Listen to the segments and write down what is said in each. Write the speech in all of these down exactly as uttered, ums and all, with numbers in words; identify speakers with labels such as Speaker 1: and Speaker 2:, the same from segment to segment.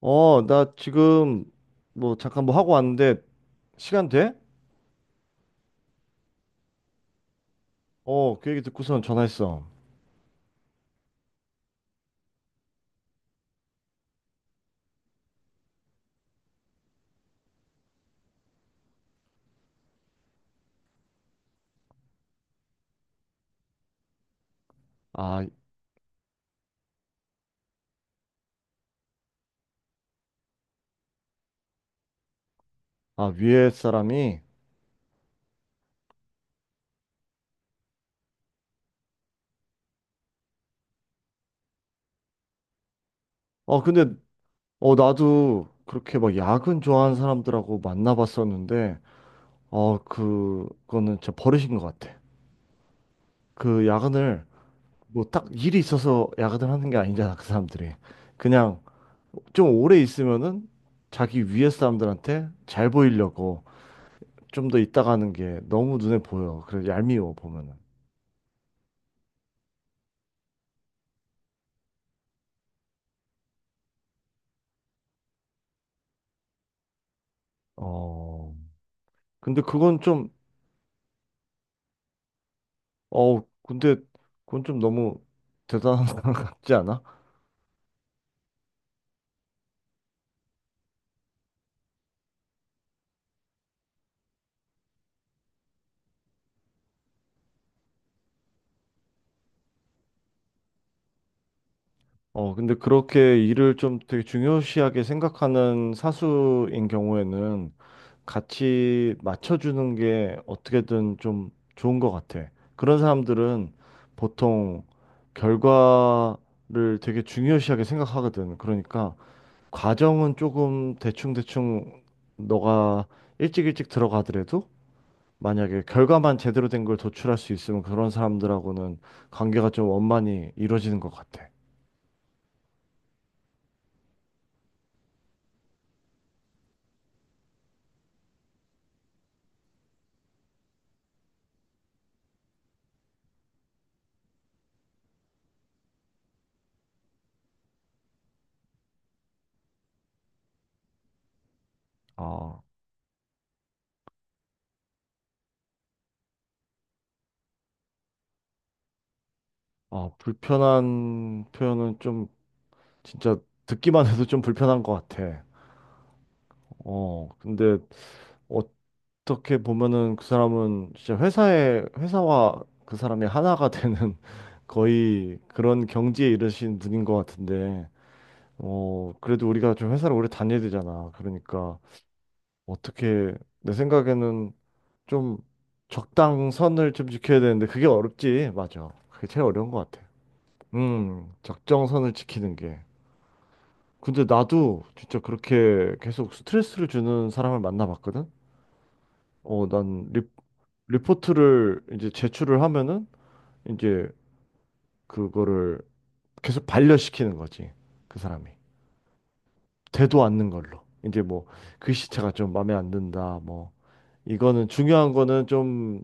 Speaker 1: 어, 나 지금 뭐 잠깐 뭐 하고 왔는데 시간 돼? 어, 그 얘기 듣고선 전화했어. 아, 아 위에 사람이. 어, 근데 어 나도 그렇게 막 야근 좋아하는 사람들하고 만나봤었는데 어, 그거는 진짜 버릇인 것 같아. 그 야근을 뭐 딱 일이 있어서 야근을 하는 게 아니잖아, 그 사람들이. 그냥 좀 오래 있으면은 자기 위에 사람들한테 잘 보이려고 좀 더 있다 가는 게 너무 눈에 보여. 그래 얄미워 보면은. 어, 근데 그건 좀, 어, 근데 그건 좀 너무 대단한 것 같지 않아? 어, 근데 그렇게 일을 좀 되게 중요시하게 생각하는 사수인 경우에는 같이 맞춰주는 게 어떻게든 좀 좋은 것 같아. 그런 사람들은 보통 결과를 되게 중요시하게 생각하거든. 그러니까 과정은 조금 대충대충 너가 일찍 일찍 들어가더라도 만약에 결과만 제대로 된 걸 도출할 수 있으면 그런 사람들하고는 관계가 좀 원만히 이루어지는 것 같아. 아, 아, 불편한 표현은 좀 진짜 듣기만 해도 좀 불편한 것 같아. 어, 근데 어떻게 보면은 그 사람은 진짜 회사에, 회사와 그 사람이 하나가 되는 거의 그런 경지에 이르신 분인 것 같은데, 어, 그래도 우리가 좀 회사를 오래 다녀야 되잖아. 그러니까 어떻게 내 생각에는 좀 적당선을 좀 지켜야 되는데 그게 어렵지. 맞아. 그게 제일 어려운 것 같아. 음, 적정선을 지키는 게. 근데 나도 진짜 그렇게 계속 스트레스를 주는 사람을 만나봤거든. 어, 난 리, 리포트를 이제 제출을 하면은 이제 그거를 계속 반려시키는 거지. 그 사람이. 되도 않는 걸로. 이제 뭐 글씨체가 좀 마음에 안 든다. 뭐 이거는 중요한 거는 좀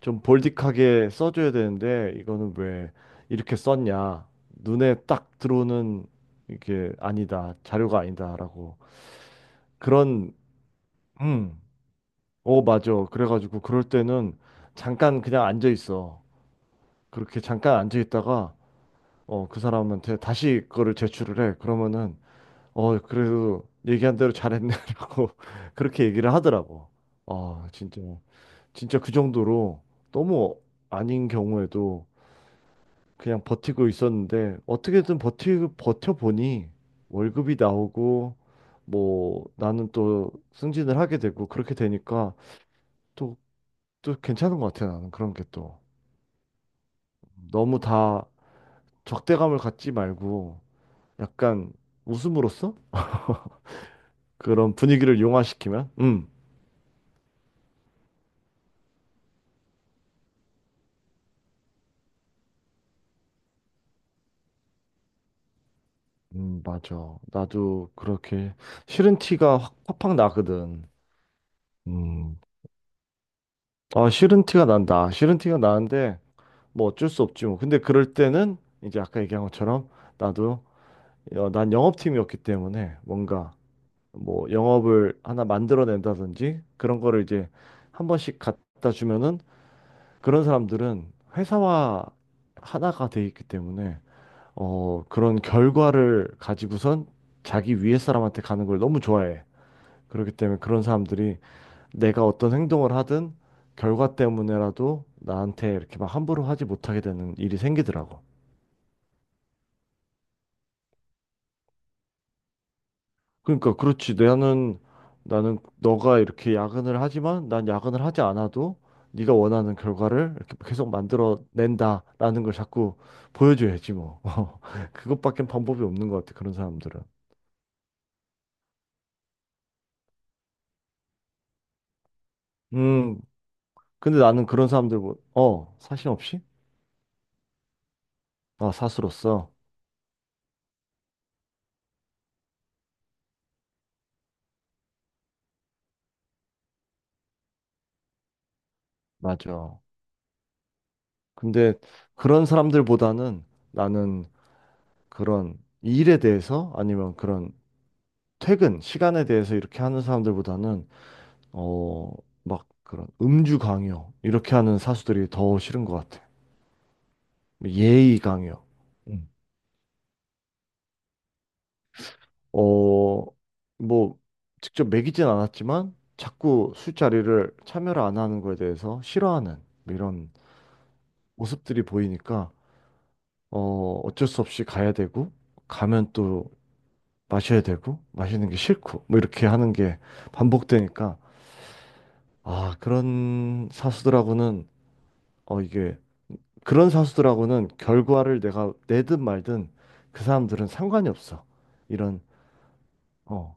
Speaker 1: 좀 볼디하게 써줘야 되는데 이거는 왜 이렇게 썼냐? 눈에 딱 들어오는 이게 아니다. 자료가 아니다라고. 그런 음. 어, 맞아. 그래가지고 그럴 때는 잠깐 그냥 앉아 있어. 그렇게 잠깐 앉아 있다가 어, 그 사람한테 다시 그거를 제출을 해. 그러면은 어, 그래도 얘기한 대로 잘했네라고 그렇게 얘기를 하더라고. 아, 진짜 진짜 그 정도로 너무 아닌 경우에도 그냥 버티고 있었는데 어떻게든 버티 버텨보니 월급이 나오고 뭐 나는 또 승진을 하게 되고 그렇게 되니까 또 또 괜찮은 것 같아. 나는 그런 게 또 너무 다 적대감을 갖지 말고 약간 웃음으로써 그런 분위기를 용화시키면 음, 음 맞아. 나도 그렇게 싫은 티가 확 팍팍 나거든. 음 아 싫은 티가 난다. 싫은 티가 나는데 뭐 어쩔 수 없지 뭐. 근데 그럴 때는 이제 아까 얘기한 것처럼 나도 어, 난 영업팀이었기 때문에 뭔가 뭐 영업을 하나 만들어낸다든지 그런 거를 이제 한 번씩 갖다 주면은 그런 사람들은 회사와 하나가 돼 있기 때문에 어, 그런 결과를 가지고선 자기 위에 사람한테 가는 걸 너무 좋아해. 그렇기 때문에 그런 사람들이 내가 어떤 행동을 하든 결과 때문에라도 나한테 이렇게 막 함부로 하지 못하게 되는 일이 생기더라고. 그러니까 그렇지. 나는 나는 너가 이렇게 야근을 하지만 난 야근을 하지 않아도 네가 원하는 결과를 이렇게 계속 만들어 낸다라는 걸 자꾸 보여줘야지 뭐. 그것밖엔 방법이 없는 것 같아. 그런 사람들은. 음. 근데 나는 그런 사람들 보- 어, 사심 없이? 어, 사수로서. 맞아. 근데 그런 사람들보다는 나는 그런 일에 대해서 아니면 그런 퇴근 시간에 대해서 이렇게 하는 사람들보다는 어, 막 그런 음주 강요 이렇게 하는 사수들이 더 싫은 것 같아. 뭐 예의 강요. 음. 어, 뭐 직접 먹이진 않았지만 자꾸 술자리를 참여를 안 하는 거에 대해서 싫어하는 뭐 이런 모습들이 보이니까 어, 어쩔 수 없이 가야 되고 가면 또 마셔야 되고 마시는 게 싫고 뭐 이렇게 하는 게 반복되니까 아, 그런 사수들하고는 어 이게 그런 사수들하고는 결과를 내가 내든 말든 그 사람들은 상관이 없어. 이런, 어.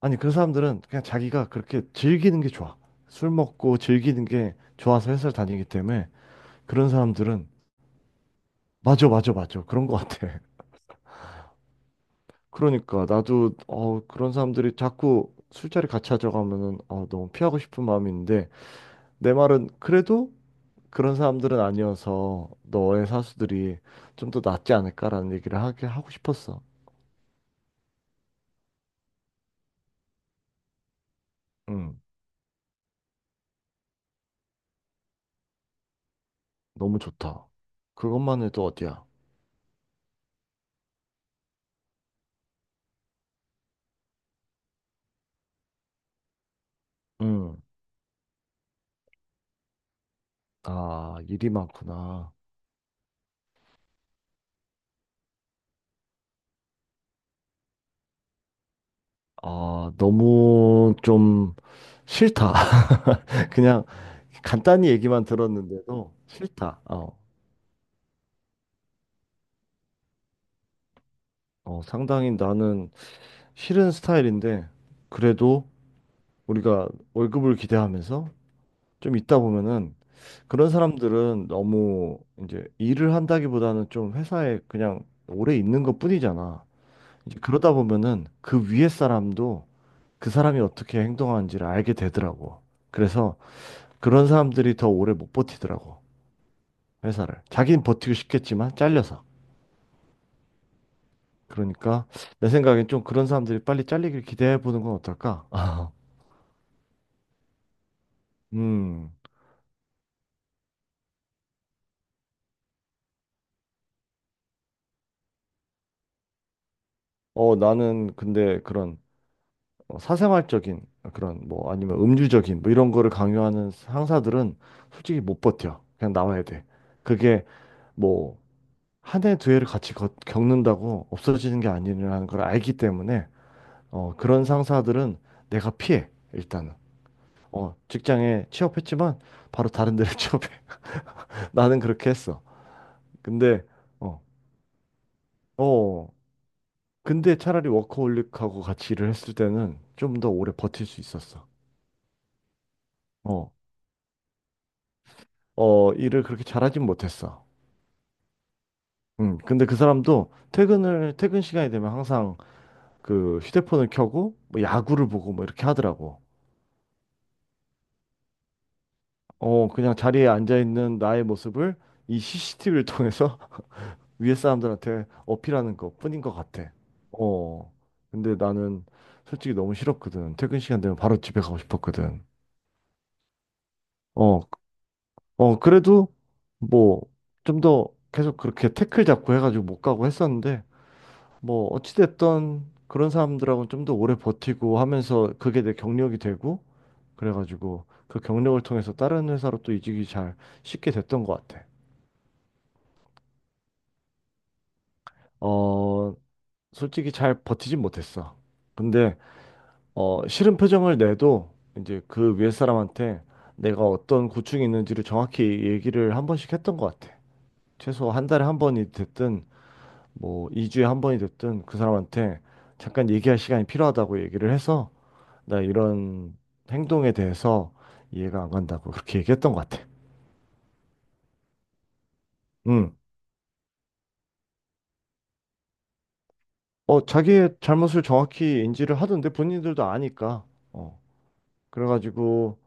Speaker 1: 아니, 그 사람들은 그냥 자기가 그렇게 즐기는 게 좋아. 술 먹고 즐기는 게 좋아서 회사를 다니기 때문에 그런 사람들은. 맞아, 맞아, 맞아. 그런 것 같아. 그러니까 나도 어, 그런 사람들이 자꾸 술자리 같이 하자고 하면은 어, 너무 피하고 싶은 마음이 있는데 내 말은 그래도 그런 사람들은 아니어서 너의 사수들이 좀 더 낫지 않을까라는 얘기를 하게 하고 싶었어. 음. 너무 좋다. 그것만 해도 어디야? 응. 아, 일이 많구나. 아, 너무 좀 싫다. 그냥 간단히 얘기만 들었는데도 싫다. 어, 어, 상당히 나는 싫은 스타일인데, 그래도 우리가 월급을 기대하면서 좀 있다 보면은 그런 사람들은 너무 이제 일을 한다기보다는 좀 회사에 그냥 오래 있는 것뿐이잖아. 이제 그러다 보면은 그 위에 사람도 그 사람이 어떻게 행동하는지를 알게 되더라고. 그래서 그런 사람들이 더 오래 못 버티더라고. 회사를. 자기는 버티고 싶겠지만 잘려서. 그러니까 내 생각엔 좀 그런 사람들이 빨리 잘리길 기대해 보는 건 어떨까? 음. 어, 나는 근데 그런 어, 사생활적인 그런 뭐 아니면 음주적인 뭐 이런 거를 강요하는 상사들은 솔직히 못 버텨. 그냥 나와야 돼. 그게 뭐 한 해 두 해를 같이 걷- 겪는다고 없어지는 게 아니라는 걸 알기 때문에 어, 그런 상사들은 내가 피해, 일단은. 어, 직장에 취업했지만 바로 다른 데를 취업해. 나는 그렇게 했어. 근데, 어, 어, 근데 차라리 워커홀릭하고 같이 일을 했을 때는 좀 더 오래 버틸 수 있었어. 어, 어, 일을 그렇게 잘하진 못했어. 음, 근데 그 사람도 퇴근을, 퇴근 시간이 되면 항상 그 휴대폰을 켜고 뭐 야구를 보고 뭐 이렇게 하더라고. 어, 그냥 자리에 앉아있는 나의 모습을 이 씨씨티비를 통해서 위에 사람들한테 어필하는 것뿐인 것 같아. 어. 근데 나는 솔직히 너무 싫었거든. 퇴근 시간 되면 바로 집에 가고 싶었거든. 어, 어, 그래도 뭐 좀 더 계속 그렇게 태클 잡고 해가지고 못 가고 했었는데 뭐 어찌됐던 그런 사람들하고는 좀 더 오래 버티고 하면서 그게 내 경력이 되고 그래가지고 그 경력을 통해서 다른 회사로 또 이직이 잘 쉽게 됐던 것 같아. 어, 솔직히 잘 버티진 못했어. 근데 어, 싫은 표정을 내도 이제 그 위에 사람한테 내가 어떤 고충이 있는지를 정확히 얘기를 한 번씩 했던 것 같아. 최소 한 달에 한 번이 됐든 뭐 이 주에 한 번이 됐든 그 사람한테 잠깐 얘기할 시간이 필요하다고 얘기를 해서 나 이런 행동에 대해서 이해가 안 간다고 그렇게 얘기했던 것 같아. 음. 어, 자기의 잘못을 정확히 인지를 하던데 본인들도 아니까. 어. 그래가지고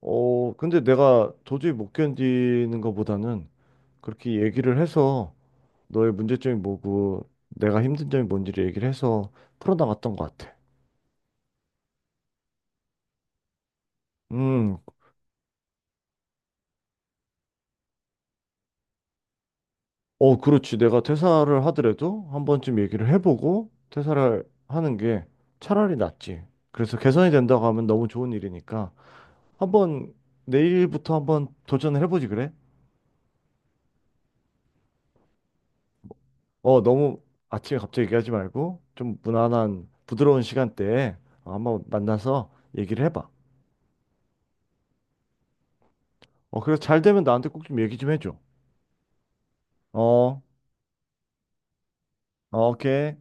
Speaker 1: 어, 근데 내가 도저히 못 견디는 것보다는 그렇게 얘기를 해서 너의 문제점이 뭐고 내가 힘든 점이 뭔지를 얘기를 해서 풀어나갔던 것 같아. 음, 어, 그렇지. 내가 퇴사를 하더라도 한 번쯤 얘기를 해보고 퇴사를 하는 게 차라리 낫지. 그래서 개선이 된다고 하면 너무 좋은 일이니까 한번 내일부터 한번 도전을 해보지 그래? 어, 너무 아침에 갑자기 얘기하지 말고 좀 무난한 부드러운 시간대에 한번 만나서 얘기를 해봐. 어, 그래서 잘 되면 나한테 꼭 좀 얘기 좀 해줘. 어. 오케이.